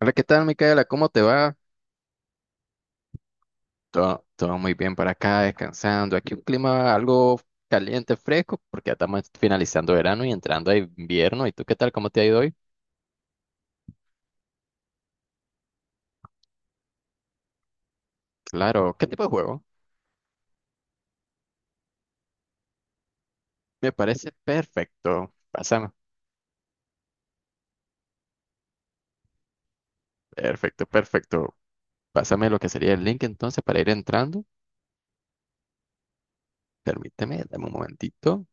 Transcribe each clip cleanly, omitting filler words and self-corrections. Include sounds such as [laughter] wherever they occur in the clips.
Hola, ¿qué tal, Micaela? ¿Cómo te va? Todo muy bien por acá, descansando. Aquí un clima algo caliente, fresco, porque ya estamos finalizando verano y entrando a invierno. ¿Y tú qué tal? ¿Cómo te ha ido hoy? Claro, ¿qué tipo de juego? Me parece perfecto. Pásame. Perfecto, perfecto. Pásame lo que sería el link entonces para ir entrando. Permíteme, dame un momentito.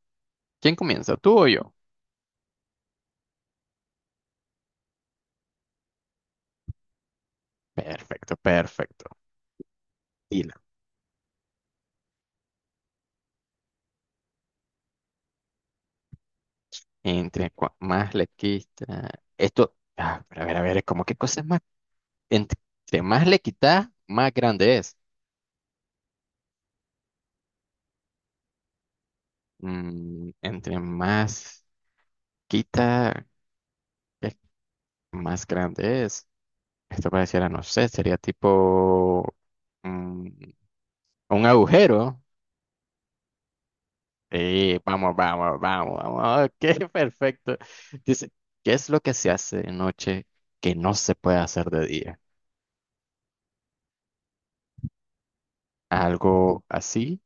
¿Quién comienza? ¿Tú o yo? Perfecto, perfecto. Y la- más le quita. Esto, a ver, es como que cosas más. Entre más le quita, más grande es. Mm, entre más quita, eh, más grande es. Esto pareciera, no sé, sería tipo mm, un agujero. Vamos, vamos, vamos, vamos. Ok, [laughs] perfecto. Dice, ¿qué es lo que se hace de noche que no se puede hacer de día? Algo así,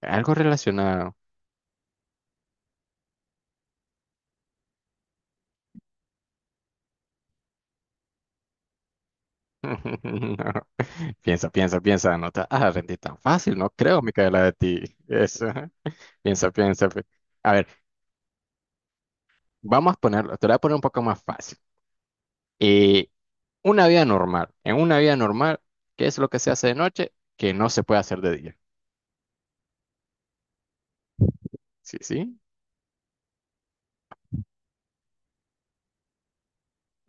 algo relacionado. [laughs] Piensa, piensa, piensa, anota. Ah, rendí tan fácil, no creo, Micaela, de ti. [laughs] Eso. Ajá. Piensa, piensa. A ver, vamos a ponerlo, te lo voy a poner un poco más fácil. Eh, una vida normal. En una vida normal, ¿qué es lo que se hace de noche que no se puede hacer de día? Sí, sí.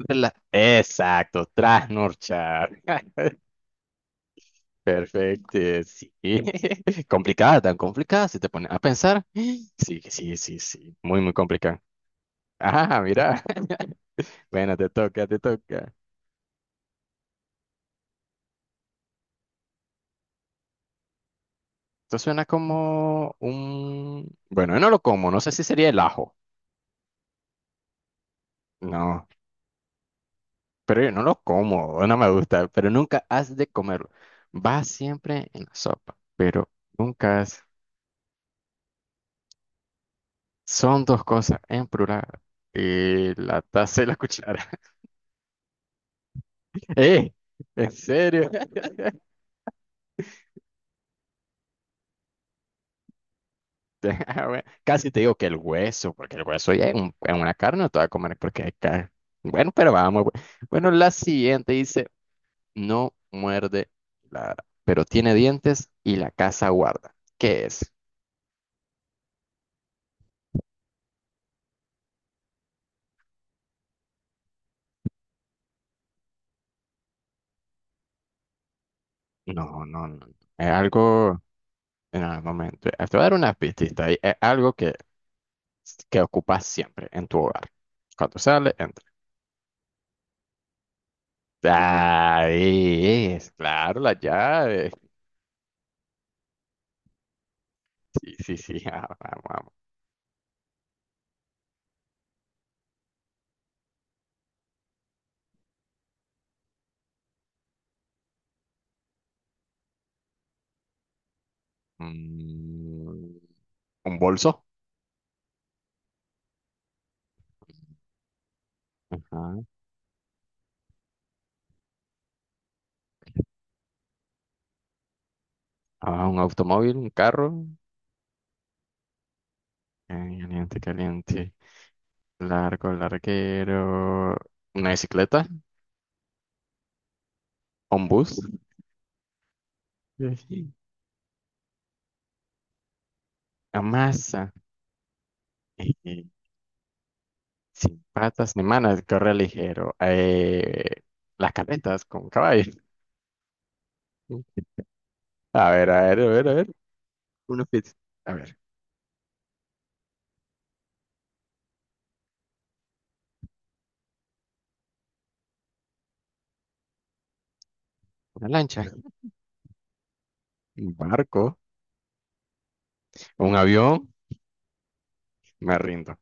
Exacto, trasnorchar. [laughs] Perfecto, sí. [laughs] Complicada, tan complicada, si te pones a pensar. Sí, sí, sí, sí. Muy, muy complicada. Ah, mira. [laughs] Bueno, te toca, te toca. Esto suena como un... Bueno, yo no lo como, no sé si sería el ajo. No, pero yo no lo como, no me gusta, pero nunca has de comerlo. Va siempre en la sopa, pero nunca has... Son dos cosas en plural. Y la taza y la cuchara. [laughs] ¡Eh! ¿En serio? [laughs] Ah, bueno, casi te digo que el hueso, porque el hueso ya es, es una carne, no te va a comer porque hay carne. Bueno, pero vamos. Bueno, la siguiente dice... No muerde, ladra, pero tiene dientes y la casa guarda. ¿Qué es? No, no, no. Es algo. En algún momento. Te voy a dar una pistita ahí. Es algo que ocupas siempre en tu hogar. Cuando sale, entra. Ahí es, claro, la llave. Sí, sí, sí. [laughs] Ah, vamos, vamos. Mm, un bolso. Ajá. Ah, un automóvil, un carro. Eh, Caliente, caliente. Largo, larguero. Una bicicleta. Ombus, sí. Amasa, [laughs] eh, sin patas ni manos, corre ligero. Las carretas con caballos. A ver, a ver, a ver, a ver. Una pizza. A ver, una lancha, un barco, un avión, me rindo.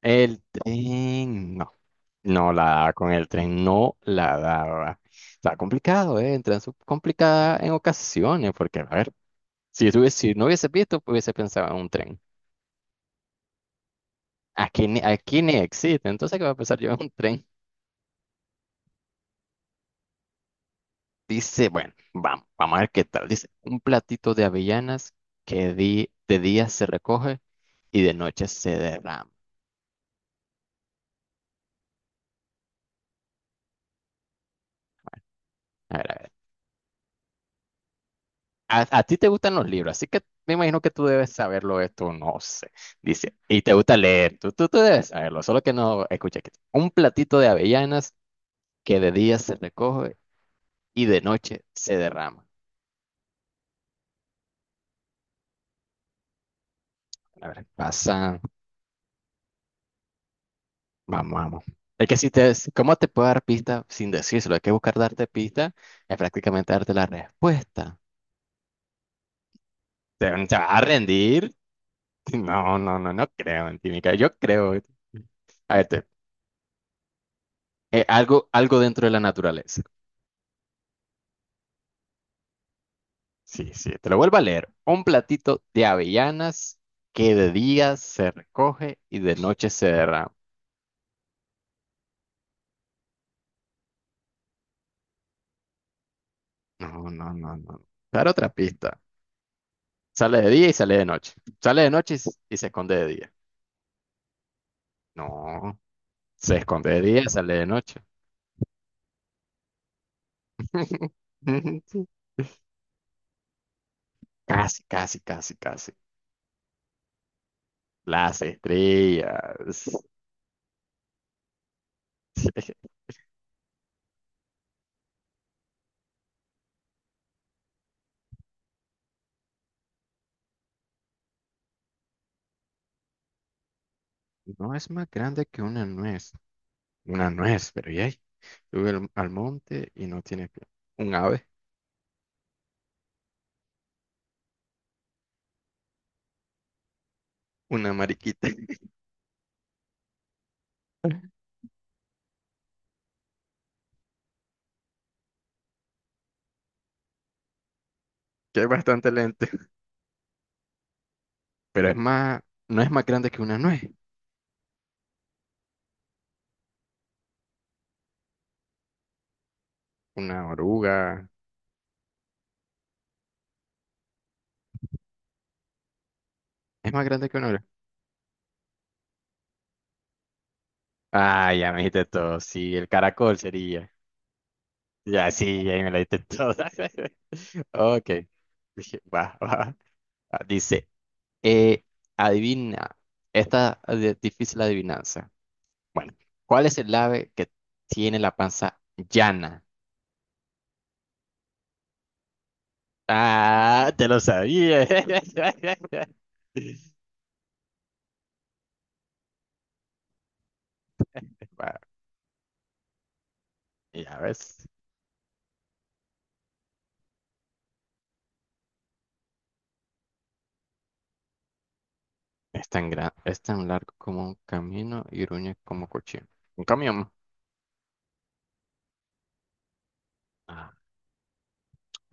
El tren, no, no la daba con el tren, no la daba. Está complicado, ¿eh? Entra en su complicada en ocasiones, porque, a ver, si, si no hubiese visto, hubiese pensado en un tren. Aquí ni existe. Entonces, ¿qué va a pasar? Lleva un tren. Dice, bueno, vamos, vamos a ver qué tal. Dice, un platito de avellanas de día se recoge y de noche se derrama. A ver, a ver. A ti te gustan los libros, así que me imagino que tú debes saberlo esto, no sé. Dice, y te gusta leer, tú debes saberlo, solo que no escucha aquí. Un platito de avellanas que de día se recoge y de noche se derrama. A ver, pasa. Vamos, vamos. Es que si te, ¿cómo te puedo dar pista sin decírselo? Hay que buscar darte pista, es prácticamente darte la respuesta. ¿Te vas a rendir? No, no, no, no creo en ti, Mica. Yo creo. A ver, te- algo, algo dentro de la naturaleza. Sí, sí, te lo vuelvo a leer. Un platito de avellanas que de día se recoge y de noche se derrama. No, no, no, no. Dar otra pista. Sale de día y sale de noche. Sale de noche y se esconde de día. No. Se esconde de día, sale de noche. [laughs] Sí. Casi, casi, casi, casi. Las estrellas. [laughs] No es más grande que una nuez. Una nuez, pero ya. Sube al monte y no tiene pie. Un ave, una mariquita, [laughs] que es bastante lento. Pero es más, no es más grande que una nuez. Una oruga. Es más grande que una oruga. Ah, ya me dijiste todo. Sí, el caracol sería. Ya, sí, ya me la dijiste toda. [laughs] Ok. Dije, va, va. Ah, dice, eh, adivina, difícil adivinanza. Bueno, ¿cuál es el ave que tiene la panza llana? Ah, te lo sabía. [laughs] Bueno, ya ves, es tan largo como un camino y gruñe como cuchillo. Un camión. Ah,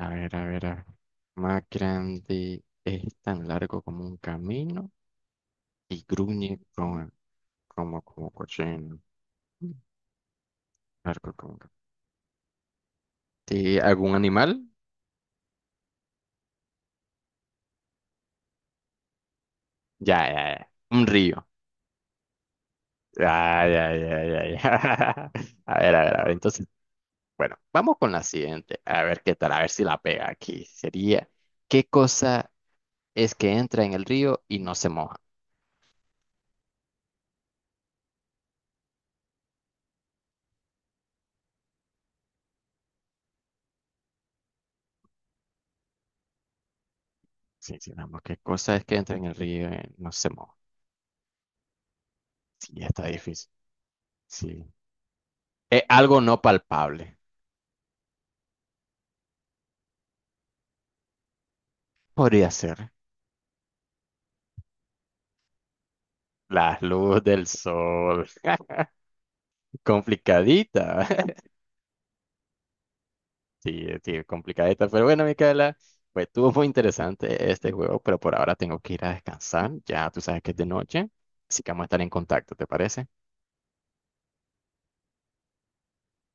a ver, a ver, a ver. Más grande, es tan largo como un camino y gruñe como cochino. Largo como un sí, ¿algún animal? Ya, ya, ya. Un río. Ya, ya, ya, ya, ya. [laughs] A ver, a ver, a ver. Entonces, bueno, vamos con la siguiente. A ver qué tal, a ver si la pega aquí. Sería, ¿qué cosa es que entra en el río y no se moja? Sí, sí, vamos, ¿qué cosa es que entra en el río y no se moja? Sí, está difícil. Sí. Es algo no palpable. Podría ser. La luz del sol. [laughs] Complicadita. Sí, sí, complicadita. Pero bueno, Micaela, pues estuvo muy interesante este juego, pero por ahora tengo que ir a descansar. Ya tú sabes que es de noche, así que vamos a estar en contacto, ¿te parece?